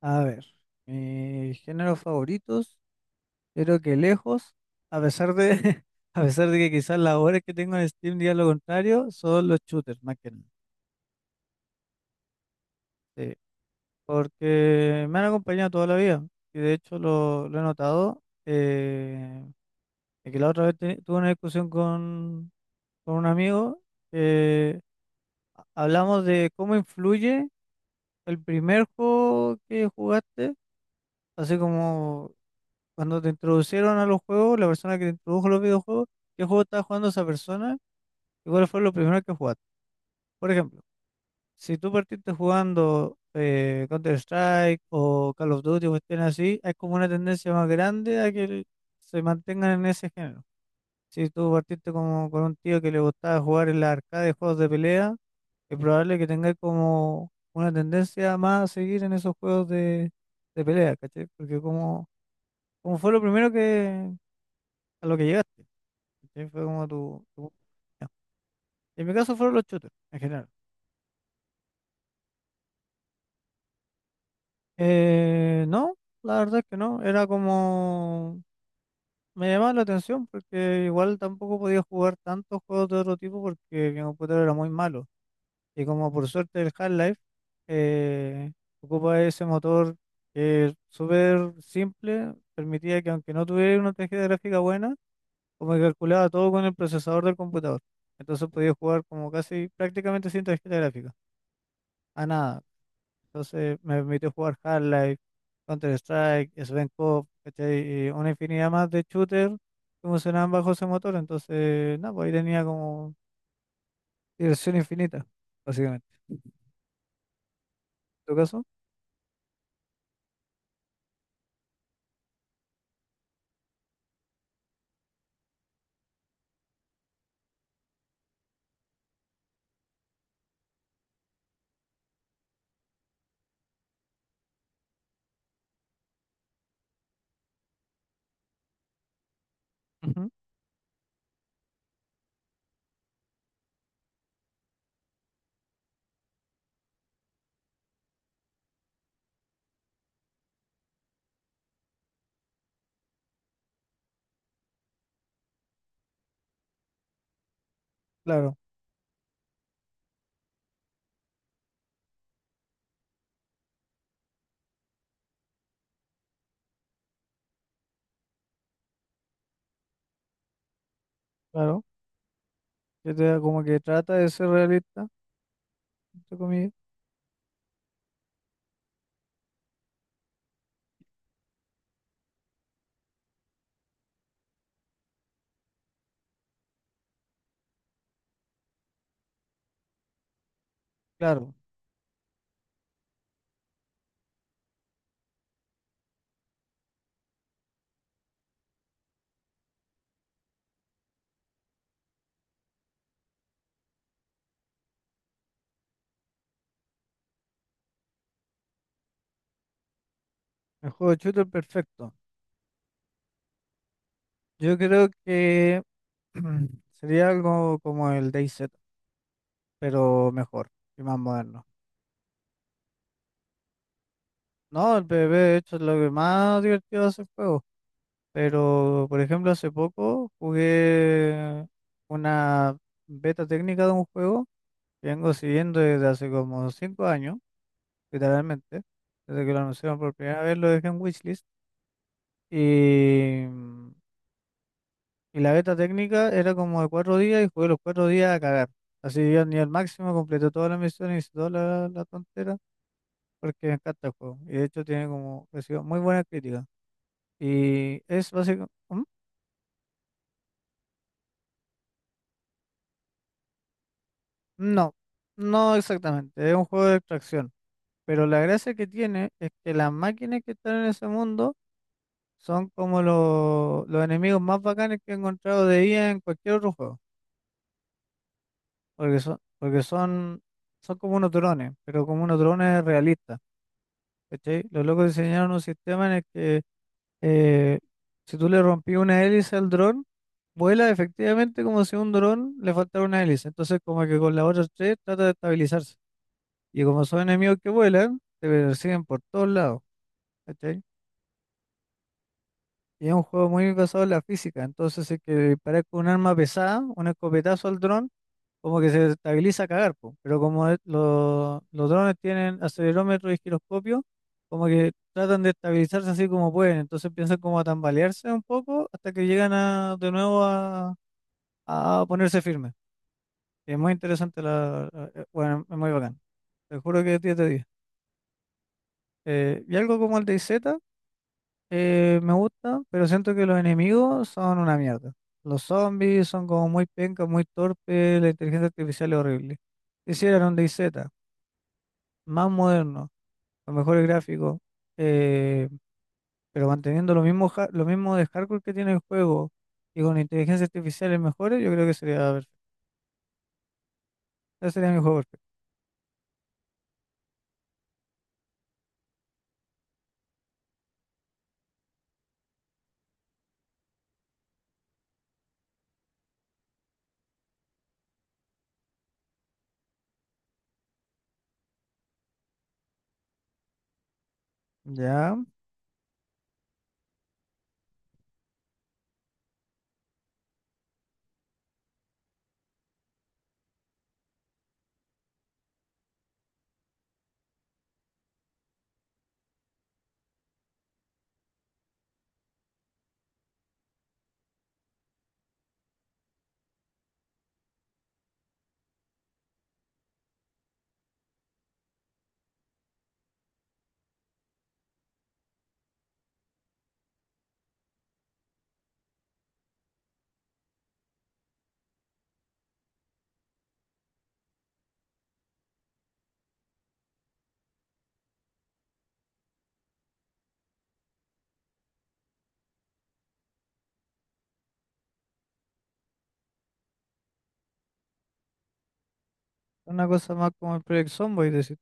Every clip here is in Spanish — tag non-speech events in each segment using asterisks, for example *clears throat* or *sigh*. A ver, mis géneros favoritos, creo que lejos, a pesar de, *laughs* a pesar de que quizás las horas que tengo en Steam digan lo contrario, son los shooters, más que nada. Sí, porque me han acompañado toda la vida y de hecho lo he notado. De que la otra vez tuve una discusión con un amigo. eh, Hablamos de cómo influye el primer juego que jugaste, así como cuando te introducieron a los juegos, la persona que te introdujo a los videojuegos, ¿qué juego estaba jugando esa persona? ¿Y cuál fue lo primero que jugaste? Por ejemplo, si tú partiste jugando Counter-Strike o Call of Duty o cuestiones así, hay como una tendencia más grande a que se mantengan en ese género. Si tú partiste como con un tío que le gustaba jugar en la arcade de juegos de pelea, es probable que tengáis como una tendencia más a seguir en esos juegos de pelea, ¿cachai? Porque como fue lo primero que a lo que llegaste. ¿Cachai? Fue como ya. En mi caso fueron los shooters, en general. No, la verdad es que no. Era como. Me llamaba la atención porque igual tampoco podía jugar tantos juegos de otro tipo porque mi computador era muy malo. Y como por suerte el Half-Life eh, ocupa ese motor que es súper simple, permitía que aunque no tuviera una tarjeta gráfica buena, como que calculaba todo con el procesador del computador. Entonces podía jugar como casi prácticamente sin tarjeta gráfica. A nada, entonces me permitió jugar Half-Life, Counter-Strike, Svenco, ¿cachai? Y una infinidad más de shooters que funcionaban bajo ese motor. Entonces, no, pues ahí tenía como diversión infinita, básicamente. ¿En tu caso? Ujú. Claro, claro. Yo te como que trata de ser realista, entre comillas. Claro, el juego de shooter perfecto. Yo creo que *clears throat* sería algo como el DayZ, pero mejor y más moderno. No, el PvP de hecho es lo que más divertido hace el juego. Pero, por ejemplo, hace poco jugué una beta técnica de un juego que vengo siguiendo desde hace como 5 años, literalmente. Desde que lo anunciaron por primera vez lo dejé en Wishlist. Y, y la beta técnica era como de 4 días y jugué los 4 días a cagar. Así yo al nivel máximo completé todas las misiones y toda la tontera porque me encanta el juego. Y de hecho tiene como, recibió muy buena crítica. Y es básicamente. No, no exactamente, es un juego de extracción, pero la gracia que tiene es que las máquinas que están en ese mundo son como los enemigos más bacanes que he encontrado de IA en cualquier otro juego, porque son, son como unos drones, pero como unos drones realistas, ¿cachai? Los locos diseñaron un sistema en el que eh, si tú le rompí una hélice al dron, vuela efectivamente como si a un dron le faltara una hélice, entonces como que con las otras tres trata de estabilizarse. Y como son enemigos que vuelan, te persiguen por todos lados, ¿cachai? Y es un juego muy basado en la física, entonces si es que disparar con un arma pesada, un escopetazo al dron, como que se estabiliza a cagar, po. Pero como los drones tienen acelerómetro y giroscopio, como que tratan de estabilizarse así como pueden, entonces piensan como a tambalearse un poco hasta que llegan a, de nuevo a ponerse firmes. Es muy interesante, bueno, es muy bacán. Te juro que 10 de 10. Y algo como el DayZ. Me gusta, pero siento que los enemigos son una mierda. Los zombies son como muy pencas, muy torpes, la inteligencia artificial es horrible. Hicieran un DayZ, más moderno, con mejores gráficos, eh, pero manteniendo lo mismo, lo mismo de hardcore que tiene el juego y con inteligencia artificial mejores, yo creo que sería perfecto. Ese sería mi juego perfecto. Ya, una cosa más como el Project Zomboid, decir,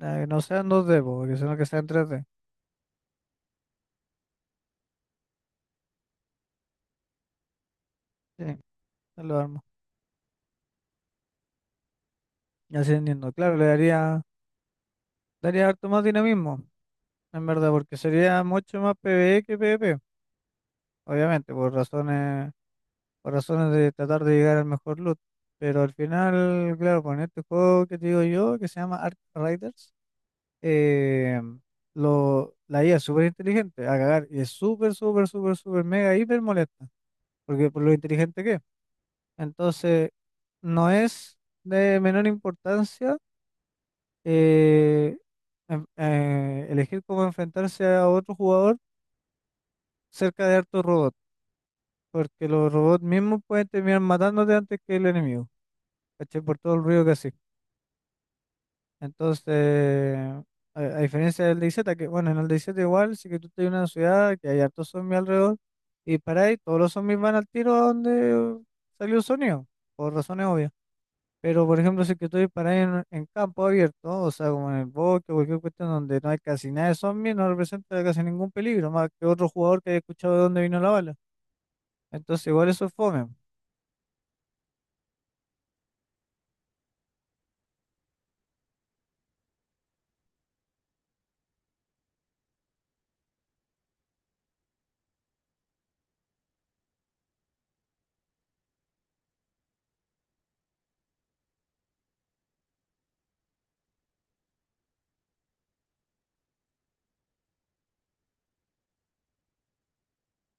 ah, que no sean 2D po, porque sino que sean 3D. Sí, ya lo armo. Ya se entendiendo. Claro, le daría harto más dinamismo. En verdad, porque sería mucho más PvE que PvP, obviamente, por razones de tratar de llegar al mejor loot. Pero al final, claro, con este juego que te digo yo, que se llama Ark Riders, eh, la IA es súper inteligente, a cagar, y es súper, súper, súper, súper, mega, hiper molesta, porque por lo inteligente que es. Entonces, no es de menor importancia eh, elegir cómo enfrentarse a otro jugador cerca de hartos robots. Porque los robots mismos pueden terminar matándote antes que el enemigo, ¿cachai? Por todo el ruido que hace. Entonces, a diferencia del DayZ, que bueno, en el DayZ igual, sí que tú estás en una ciudad que hay hartos zombies alrededor, y para ahí todos los zombies van al tiro a donde salió el sonido, por razones obvias. Pero, por ejemplo, si que tú disparas en campo abierto, o sea, como en el bosque o cualquier cuestión donde no hay casi nada de zombies, no representa casi ningún peligro, más que otro jugador que haya escuchado de dónde vino la bala. Entonces, igual eso es fome.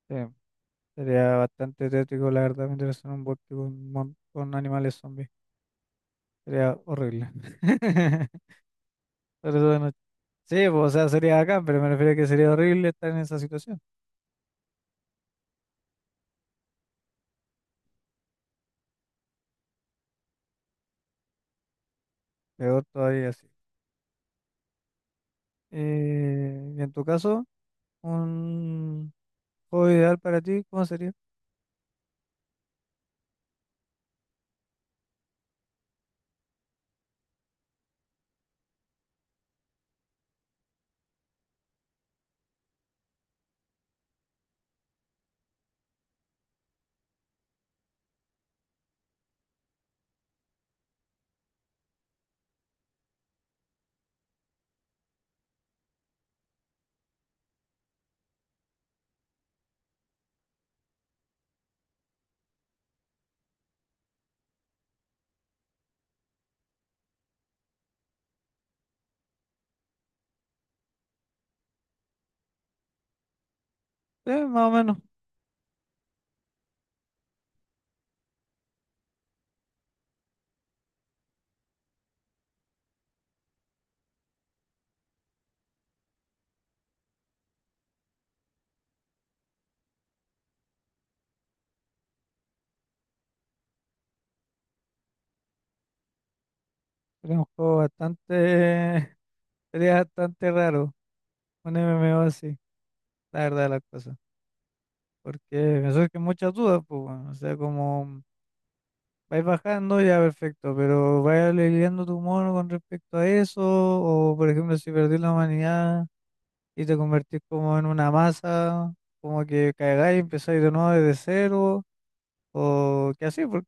Sí. Sería bastante tétrico, la verdad, meterse en un bosque con animales zombies. Sería horrible. *laughs* Sobre todo de noche. Sí, pues, o sea, sería acá, pero me refiero a que sería horrible estar en esa situación. Peor todavía, sí. Y en tu caso, un juego ideal para ti, ¿cómo sería? Sí, más o menos. Sería un juego bastante, *laughs* sería bastante raro, un MMO así, la verdad de las cosas. Porque me surgen muchas dudas, pues, bueno, o sea, como. Vais bajando, ya perfecto, pero vaya lidiando tu mono con respecto a eso, o por ejemplo, si perdís la humanidad y te convertís como en una masa, como que caigáis y empezáis de nuevo desde cero, o que así, porque,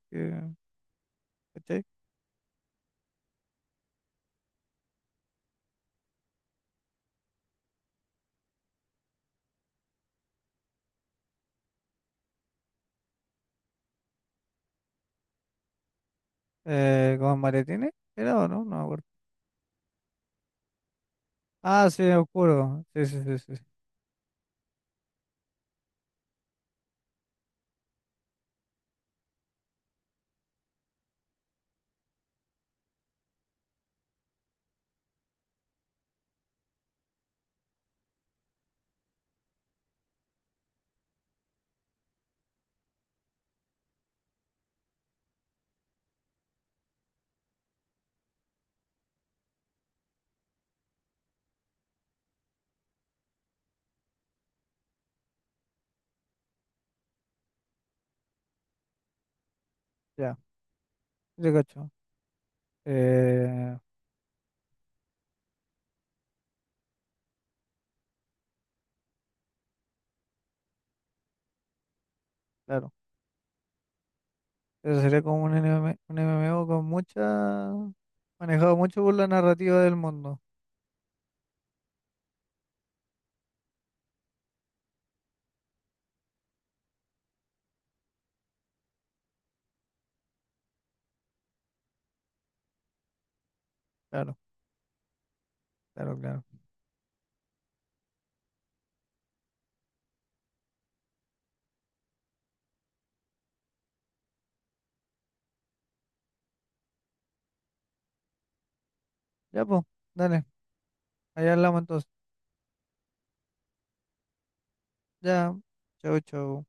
¿cachai? ¿Con maletines? ¿Era o no? No me acuerdo. Ah, sí, oscuro. Sí, sí, sí, sí. Sí. Ya, te cacho. Eh, claro, eso sería como un MMO con mucha, manejado mucho por la narrativa del mundo. Claro, claro, claro. Ya, pues, dale, ahí hablamos entonces. Ya, chau, chau.